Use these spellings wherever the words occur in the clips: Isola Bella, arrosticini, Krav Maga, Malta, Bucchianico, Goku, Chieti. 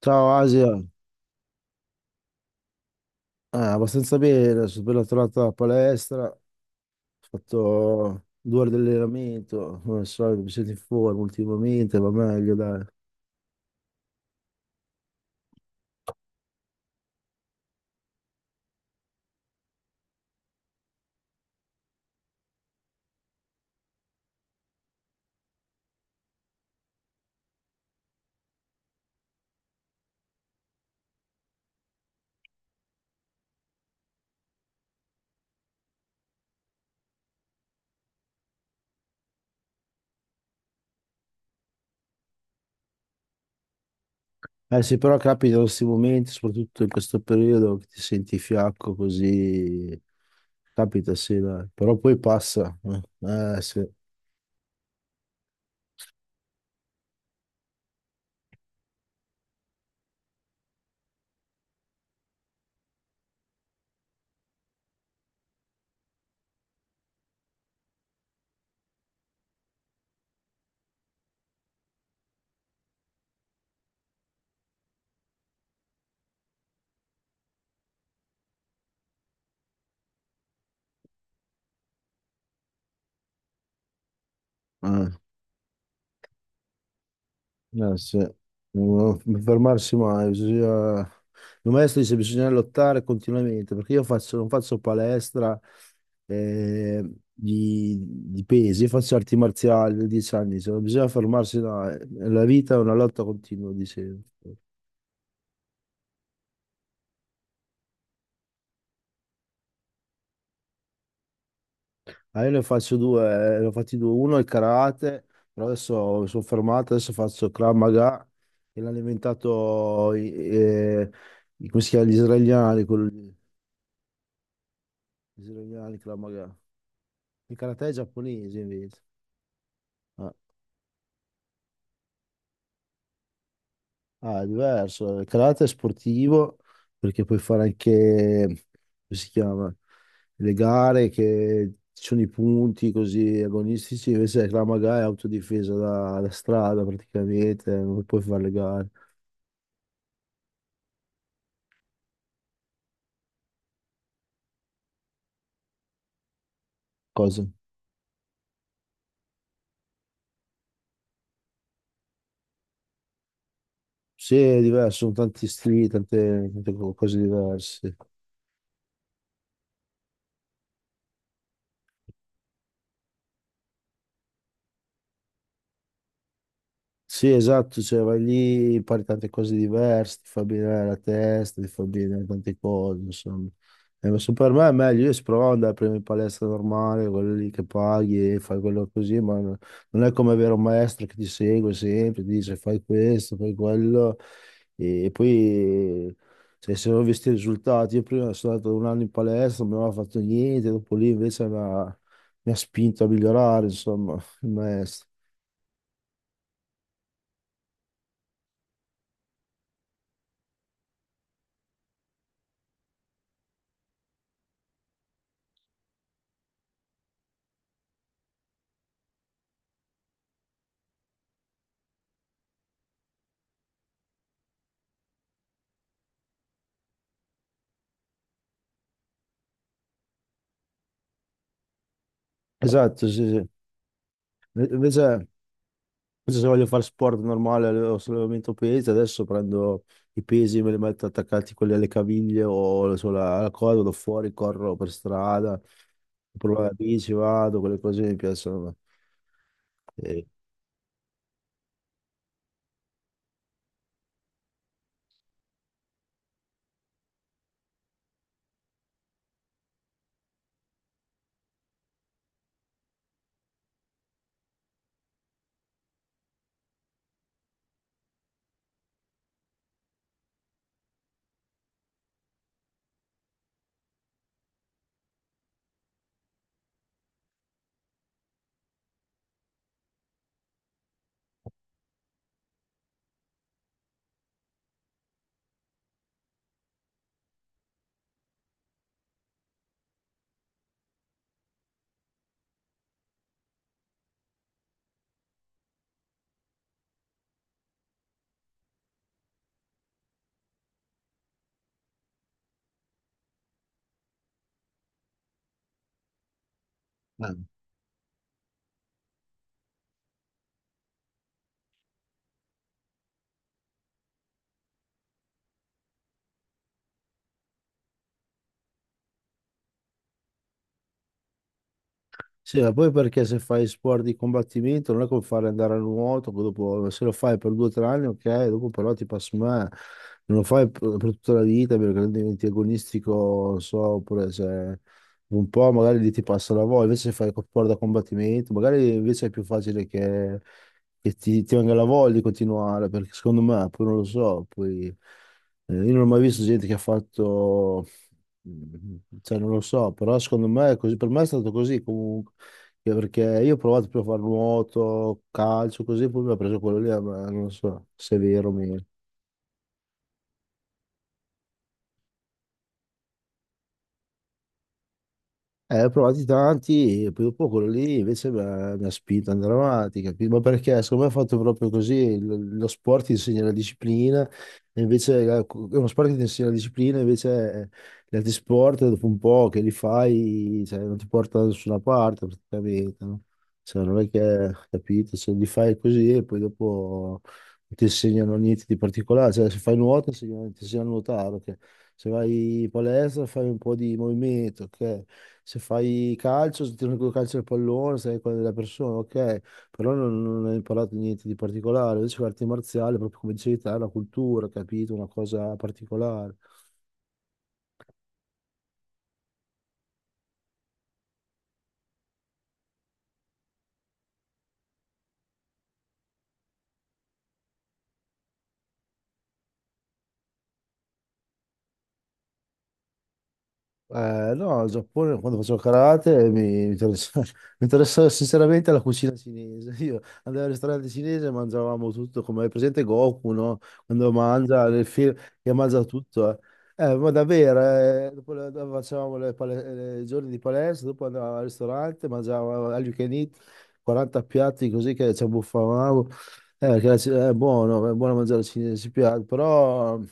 Ciao Asia, abbastanza bene, sono appena tornato dalla palestra, ho fatto 2 ore di allenamento, come al solito mi sento in forma ultimamente, va meglio dai. Eh sì, però capita questi momenti, soprattutto in questo periodo, che ti senti fiacco così, capita sì dai, però poi passa. Sì. Eh. Eh sì, non fermarsi mai, bisogna. Il maestro dice bisogna lottare continuamente, perché io non faccio palestra eh, di pesi, io faccio arti marziali da 10 anni, cioè, non bisogna fermarsi, no, la vita è una lotta continua, dicevo. Ah, io ne faccio due, ne ho fatti due, uno è il karate, però adesso mi sono fermato, adesso faccio Krav Maga, che l'hanno inventato come si chiama, gli israeliani, quello lì, gli israeliani Krav Maga. Il karate è giapponese invece. Ah, ah, è diverso. Il karate è sportivo perché puoi fare anche, come si chiama, le gare che ci sono i punti così agonistici, invece il Krav Maga è autodifesa da strada praticamente, non puoi fare le gare. Cosa? Sì, è diverso, sono tanti stili, tante cose diverse. Sì, esatto, cioè vai lì, impari tante cose diverse, ti fa bene la testa, ti fa bene tante cose, insomma. E ma se per me è meglio, io se provavo ad andare prima in palestra normale, quello lì che paghi e fai quello così, non è come avere un maestro che ti segue sempre, ti dice fai questo, fai quello, e poi cioè, se non ho visto i risultati, io prima sono andato un anno in palestra, non avevo fatto niente, dopo lì invece mi ha spinto a migliorare, insomma, il maestro. Esatto, sì, sì. Invece, invece, se voglio fare sport normale o sollevamento pesi, adesso prendo i pesi, me li metto attaccati quelli alle caviglie o sulla alla coda, vado fuori, corro per strada, provo la bici, vado, quelle cose mi piacciono. E- Sì, ma poi perché se fai sport di combattimento non è come fare andare a nuoto, che dopo se lo fai per 2 o 3 anni, ok, dopo però ti passa male, non lo fai per tutta la vita perché diventi agonistico, non so, oppure se un po' magari lì ti passa la voglia, invece se fai sport da combattimento, magari invece è più facile che, ti venga la voglia di continuare, perché secondo me, poi non lo so, poi io non ho mai visto gente che ha fatto. Mm, Cioè, non lo so, però secondo me è così. Per me è stato così comunque. Perché io ho provato più a fare nuoto, calcio, così, poi mi ha preso quello lì, ma non so se è vero o meno. Ho provati tanti, e poi dopo quello lì invece mi ha spinto ad andare avanti, capito? Ma perché secondo me è fatto proprio così, lo sport ti insegna la disciplina, e invece è uno sport che ti insegna la disciplina, invece gli altri sport dopo un po' che li fai, cioè, non ti porta da nessuna parte praticamente, no? Cioè, non è che, capito, se li fai così e poi dopo non ti insegnano niente di particolare, cioè se fai nuoto ti insegnano a nuotare, ok? Se vai in palestra fai un po' di movimento, ok? Se fai calcio, se tiro con il calcio del pallone, sei quella della persona, ok? Però non hai imparato niente di particolare. Invece l'arte marziale, proprio come dicevi te, è una cultura, capito? Una cosa particolare. No, al Giappone quando facevo karate mi interessava, sinceramente la cucina cinese. Io andavo al ristorante cinese e mangiavamo tutto, come è presente Goku, no? Quando mangia nel film che mangia tutto. Eh, ma davvero, dopo facevamo i giorni di palestra, dopo andavo al ristorante, mangiavo all you can eat, 40 piatti così che ci abbuffavamo. Che è buono mangiare cinese, ci piace, però non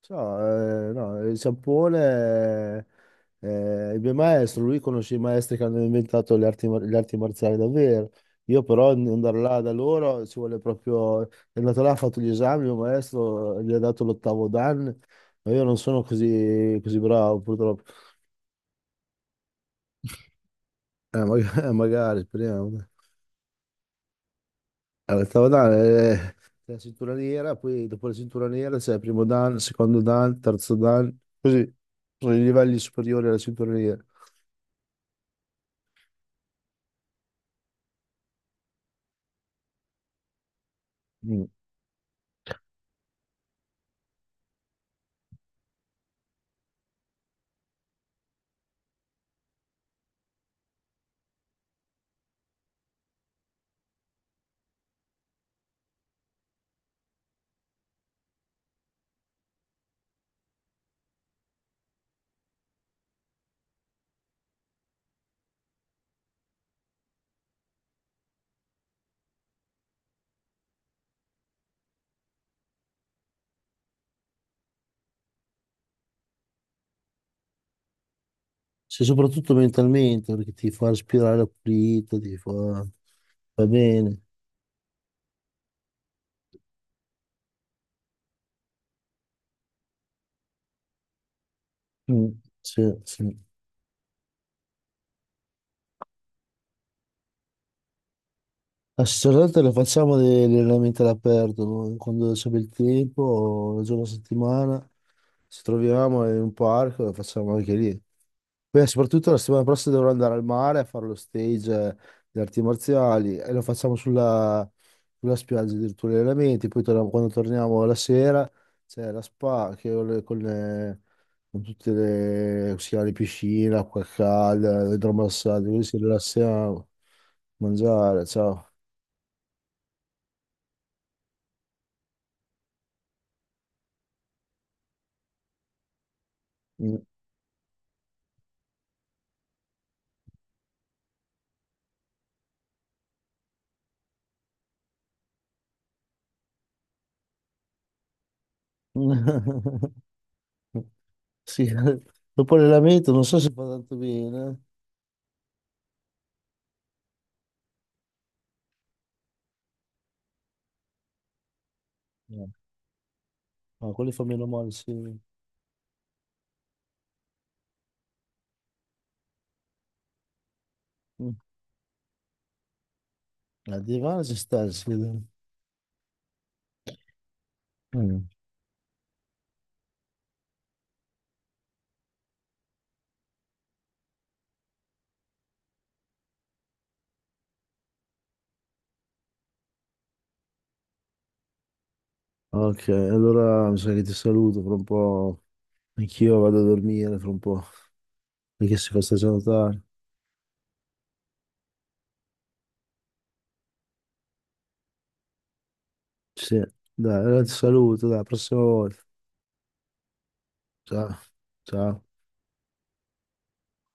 so, no, il Giappone. Il mio maestro, lui conosce i maestri che hanno inventato le arti, le arti marziali davvero. Io però andare là da loro ci vuole proprio. È andato là, ha fatto gli esami, il mio maestro gli ha dato l'ottavo dan, ma io non sono così, così bravo purtroppo. Magari, speriamo. L'ottavo dan è la cintura nera, poi dopo la cintura nera c'è il primo dan, il secondo dan, il terzo dan, così. Sono i livelli superiori alla cintura nera. Mm. Sì, soprattutto mentalmente, perché ti fa respirare pulito, ti fa. Va bene. Mm, sì, sì. Assolutamente lo facciamo degli allenamenti all'aperto, no? Quando c'è bel tempo, un giorno a settimana, ci troviamo in un parco e lo facciamo anche lì. Poi soprattutto la settimana prossima dovrò andare al mare a fare lo stage di arti marziali e lo facciamo sulla spiaggia addirittura gli allenamenti, poi quando torniamo la sera c'è la spa che ho con tutte le, come si chiama, le piscine, acqua calda, idromassaggio, così ci rilassiamo, mangiare, ciao. Sì, dopo l'allenamento non so se fa tanto bene. No. Ma quelli fa meno male, sì. Mm. Al divano ci sta, sì. Mm. Ok, allora mi sa che ti saluto fra un po'. Anch'io vado a dormire fra un po', perché si fa stagione tardi. Sì, dai, allora ti saluto, dai, prossima volta. Ciao, ciao.